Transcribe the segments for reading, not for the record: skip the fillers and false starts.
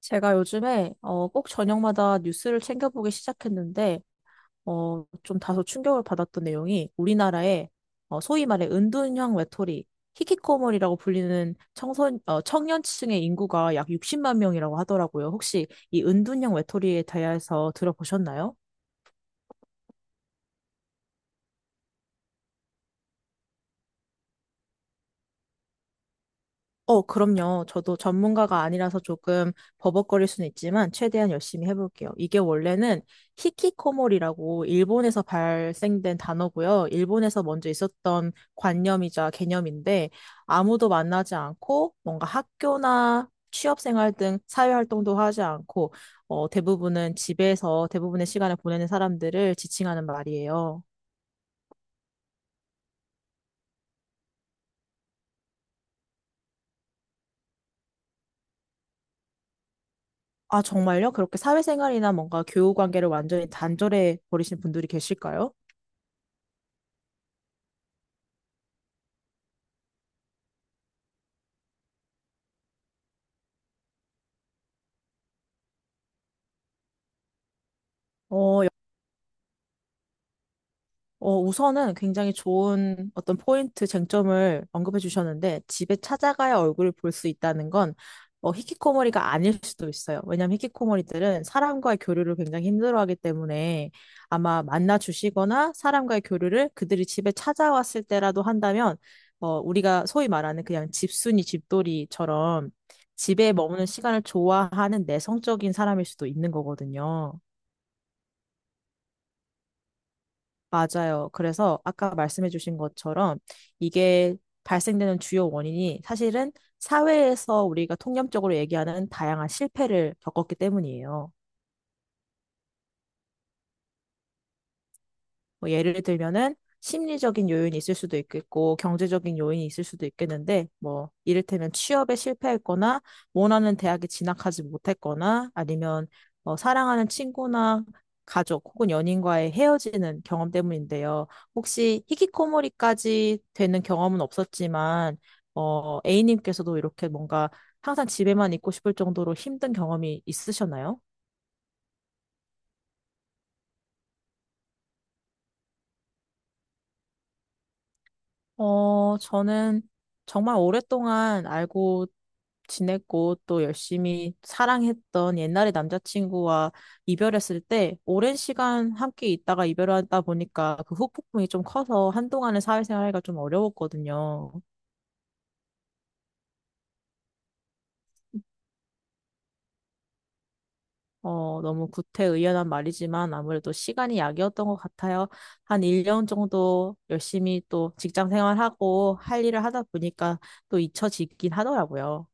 제가 요즘에 꼭 저녁마다 뉴스를 챙겨보기 시작했는데 좀 다소 충격을 받았던 내용이 우리나라의 소위 말해 은둔형 외톨이 히키코모리라고 불리는 청년층의 인구가 약 60만 명이라고 하더라고요. 혹시 이 은둔형 외톨이에 대해서 들어보셨나요? 그럼요. 저도 전문가가 아니라서 조금 버벅거릴 수는 있지만 최대한 열심히 해볼게요. 이게 원래는 히키코모리라고 일본에서 발생된 단어고요. 일본에서 먼저 있었던 관념이자 개념인데 아무도 만나지 않고 뭔가 학교나 취업생활 등 사회활동도 하지 않고 대부분은 집에서 대부분의 시간을 보내는 사람들을 지칭하는 말이에요. 아, 정말요? 그렇게 사회생활이나 뭔가 교우 관계를 완전히 단절해 버리신 분들이 계실까요? 어, 우선은 굉장히 좋은 어떤 포인트 쟁점을 언급해 주셨는데 집에 찾아가야 얼굴을 볼 수 있다는 건 히키코모리가 아닐 수도 있어요. 왜냐하면 히키코모리들은 사람과의 교류를 굉장히 힘들어하기 때문에 아마 만나 주시거나 사람과의 교류를 그들이 집에 찾아왔을 때라도 한다면 우리가 소위 말하는 그냥 집순이 집돌이처럼 집에 머무는 시간을 좋아하는 내성적인 사람일 수도 있는 거거든요. 맞아요. 그래서 아까 말씀해주신 것처럼 이게 발생되는 주요 원인이 사실은 사회에서 우리가 통념적으로 얘기하는 다양한 실패를 겪었기 때문이에요. 뭐 예를 들면은 심리적인 요인이 있을 수도 있겠고 경제적인 요인이 있을 수도 있겠는데 뭐 이를테면 취업에 실패했거나 원하는 대학에 진학하지 못했거나 아니면 사랑하는 친구나 가족 혹은 연인과의 헤어지는 경험 때문인데요. 혹시 히키코모리까지 되는 경험은 없었지만 A님께서도 이렇게 뭔가 항상 집에만 있고 싶을 정도로 힘든 경험이 있으셨나요? 저는 정말 오랫동안 알고 지냈고 또 열심히 사랑했던 옛날의 남자친구와 이별했을 때 오랜 시간 함께 있다가 이별하다 보니까 그 후폭풍이 좀 커서 한동안은 사회생활가 좀 어려웠거든요. 너무 구태의연한 말이지만 아무래도 시간이 약이었던 것 같아요. 한 1년 정도 열심히 또 직장 생활하고 할 일을 하다 보니까 또 잊혀지긴 하더라고요.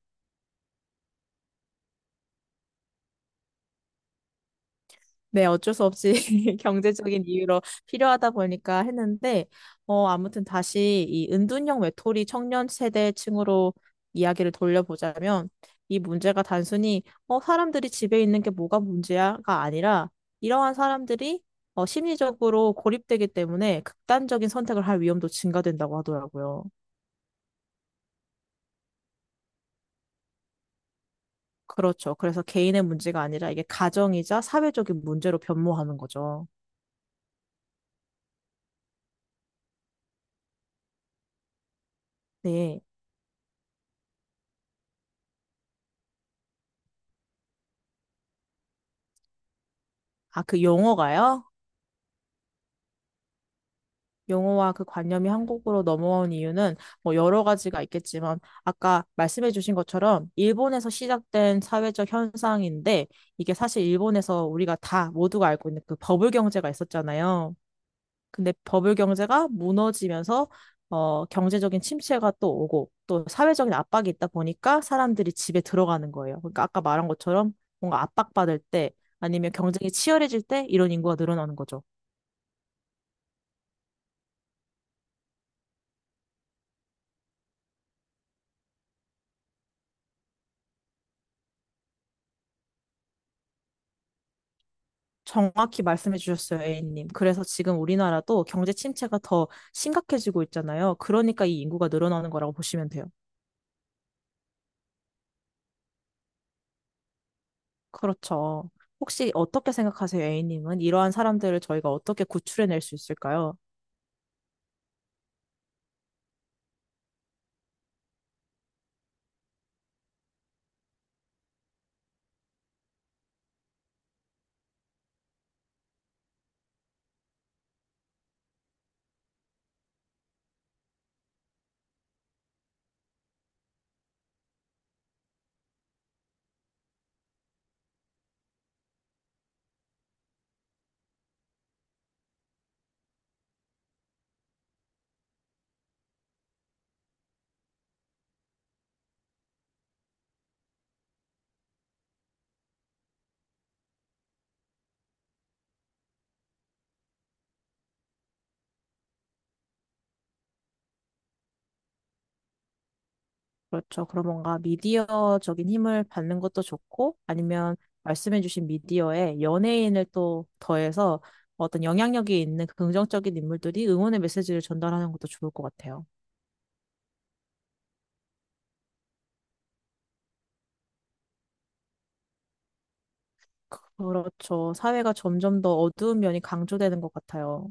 네, 어쩔 수 없이 경제적인 이유로 필요하다 보니까 했는데, 아무튼 다시 이 은둔형 외톨이 청년 세대층으로 이야기를 돌려보자면, 이 문제가 단순히, 사람들이 집에 있는 게 뭐가 문제야가 아니라, 이러한 사람들이, 심리적으로 고립되기 때문에 극단적인 선택을 할 위험도 증가된다고 하더라고요. 그렇죠. 그래서 개인의 문제가 아니라 이게 가정이자 사회적인 문제로 변모하는 거죠. 네. 아, 그 용어가요? 용어와 그 관념이 한국으로 넘어온 이유는 뭐 여러 가지가 있겠지만 아까 말씀해 주신 것처럼 일본에서 시작된 사회적 현상인데 이게 사실 일본에서 우리가 다 모두가 알고 있는 그 버블 경제가 있었잖아요. 근데 버블 경제가 무너지면서 경제적인 침체가 또 오고 또 사회적인 압박이 있다 보니까 사람들이 집에 들어가는 거예요. 그러니까 아까 말한 것처럼 뭔가 압박받을 때 아니면 경쟁이 치열해질 때 이런 인구가 늘어나는 거죠. 정확히 말씀해 주셨어요, A님. 그래서 지금 우리나라도 경제 침체가 더 심각해지고 있잖아요. 그러니까 이 인구가 늘어나는 거라고 보시면 돼요. 그렇죠. 혹시 어떻게 생각하세요, A님은? 이러한 사람들을 저희가 어떻게 구출해낼 수 있을까요? 그렇죠. 그럼 뭔가 미디어적인 힘을 받는 것도 좋고, 아니면 말씀해 주신 미디어에 연예인을 또 더해서 어떤 영향력이 있는 긍정적인 인물들이 응원의 메시지를 전달하는 것도 좋을 것 같아요. 그렇죠. 사회가 점점 더 어두운 면이 강조되는 것 같아요.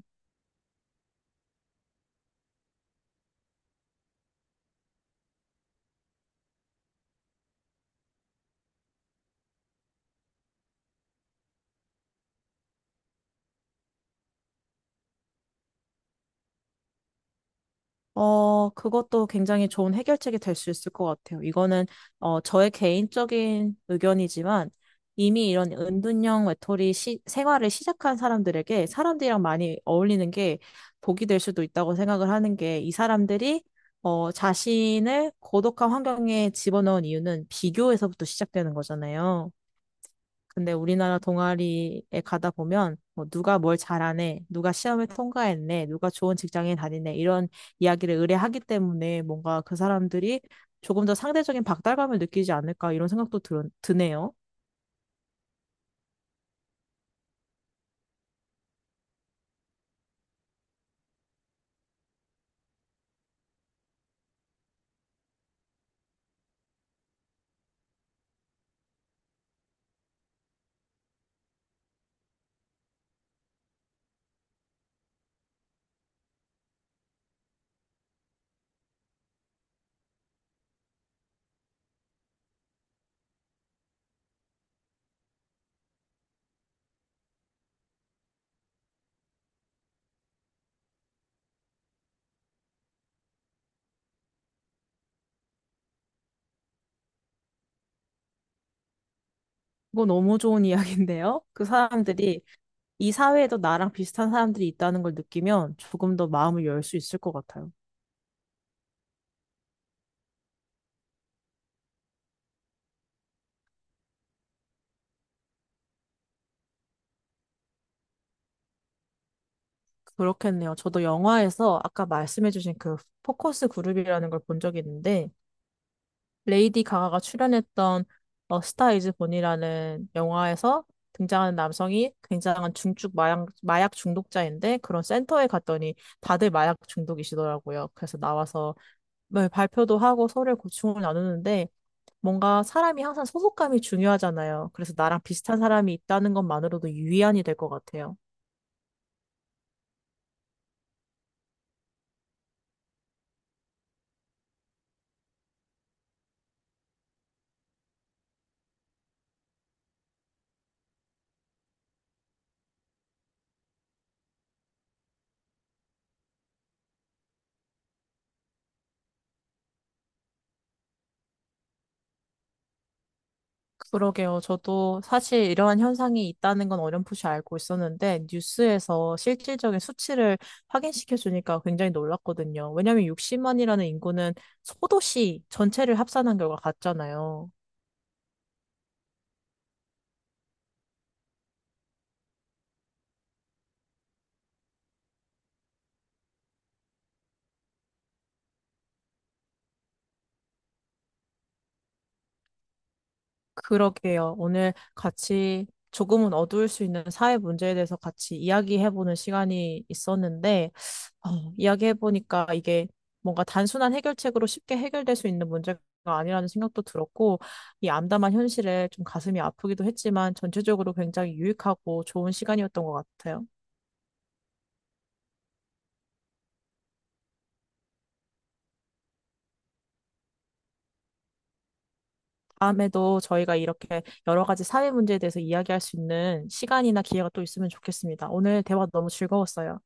그것도 굉장히 좋은 해결책이 될 수 있을 것 같아요. 이거는, 저의 개인적인 의견이지만 이미 이런 은둔형 외톨이 생활을 시작한 사람들에게 사람들이랑 많이 어울리는 게 복이 될 수도 있다고 생각을 하는 게 이 사람들이 자신을 고독한 환경에 집어넣은 이유는 비교에서부터 시작되는 거잖아요. 근데 우리나라 동아리에 가다 보면 뭐 누가 뭘 잘하네, 누가 시험을 통과했네, 누가 좋은 직장에 다니네 이런 이야기를 의뢰하기 때문에 뭔가 그 사람들이 조금 더 상대적인 박달감을 느끼지 않을까 이런 생각도 드네요. 이거 너무 좋은 이야기인데요. 그 사람들이 이 사회에도 나랑 비슷한 사람들이 있다는 걸 느끼면 조금 더 마음을 열 수 있을 것 같아요. 그렇겠네요. 저도 영화에서 아까 말씀해주신 그 포커스 그룹이라는 걸 본 적이 있는데 레이디 가가가 출연했던 스타 이즈 본이라는 영화에서 등장하는 남성이 굉장한 중증 마약 중독자인데 그런 센터에 갔더니 다들 마약 중독이시더라고요. 그래서 나와서 네, 발표도 하고 서로의 고충을 나누는데 뭔가 사람이 항상 소속감이 중요하잖아요. 그래서 나랑 비슷한 사람이 있다는 것만으로도 유의안이 될 것 같아요. 그러게요. 저도 사실 이러한 현상이 있다는 건 어렴풋이 알고 있었는데, 뉴스에서 실질적인 수치를 확인시켜 주니까 굉장히 놀랐거든요. 왜냐하면 60만이라는 인구는 소도시 전체를 합산한 결과 같잖아요. 그러게요. 오늘 같이 조금은 어두울 수 있는 사회 문제에 대해서 같이 이야기해보는 시간이 있었는데, 어, 이야기해보니까 이게 뭔가 단순한 해결책으로 쉽게 해결될 수 있는 문제가 아니라는 생각도 들었고, 이 암담한 현실에 좀 가슴이 아프기도 했지만, 전체적으로 굉장히 유익하고 좋은 시간이었던 것 같아요. 다음에도 저희가 이렇게 여러 가지 사회 문제에 대해서 이야기할 수 있는 시간이나 기회가 또 있으면 좋겠습니다. 오늘 대화 너무 즐거웠어요.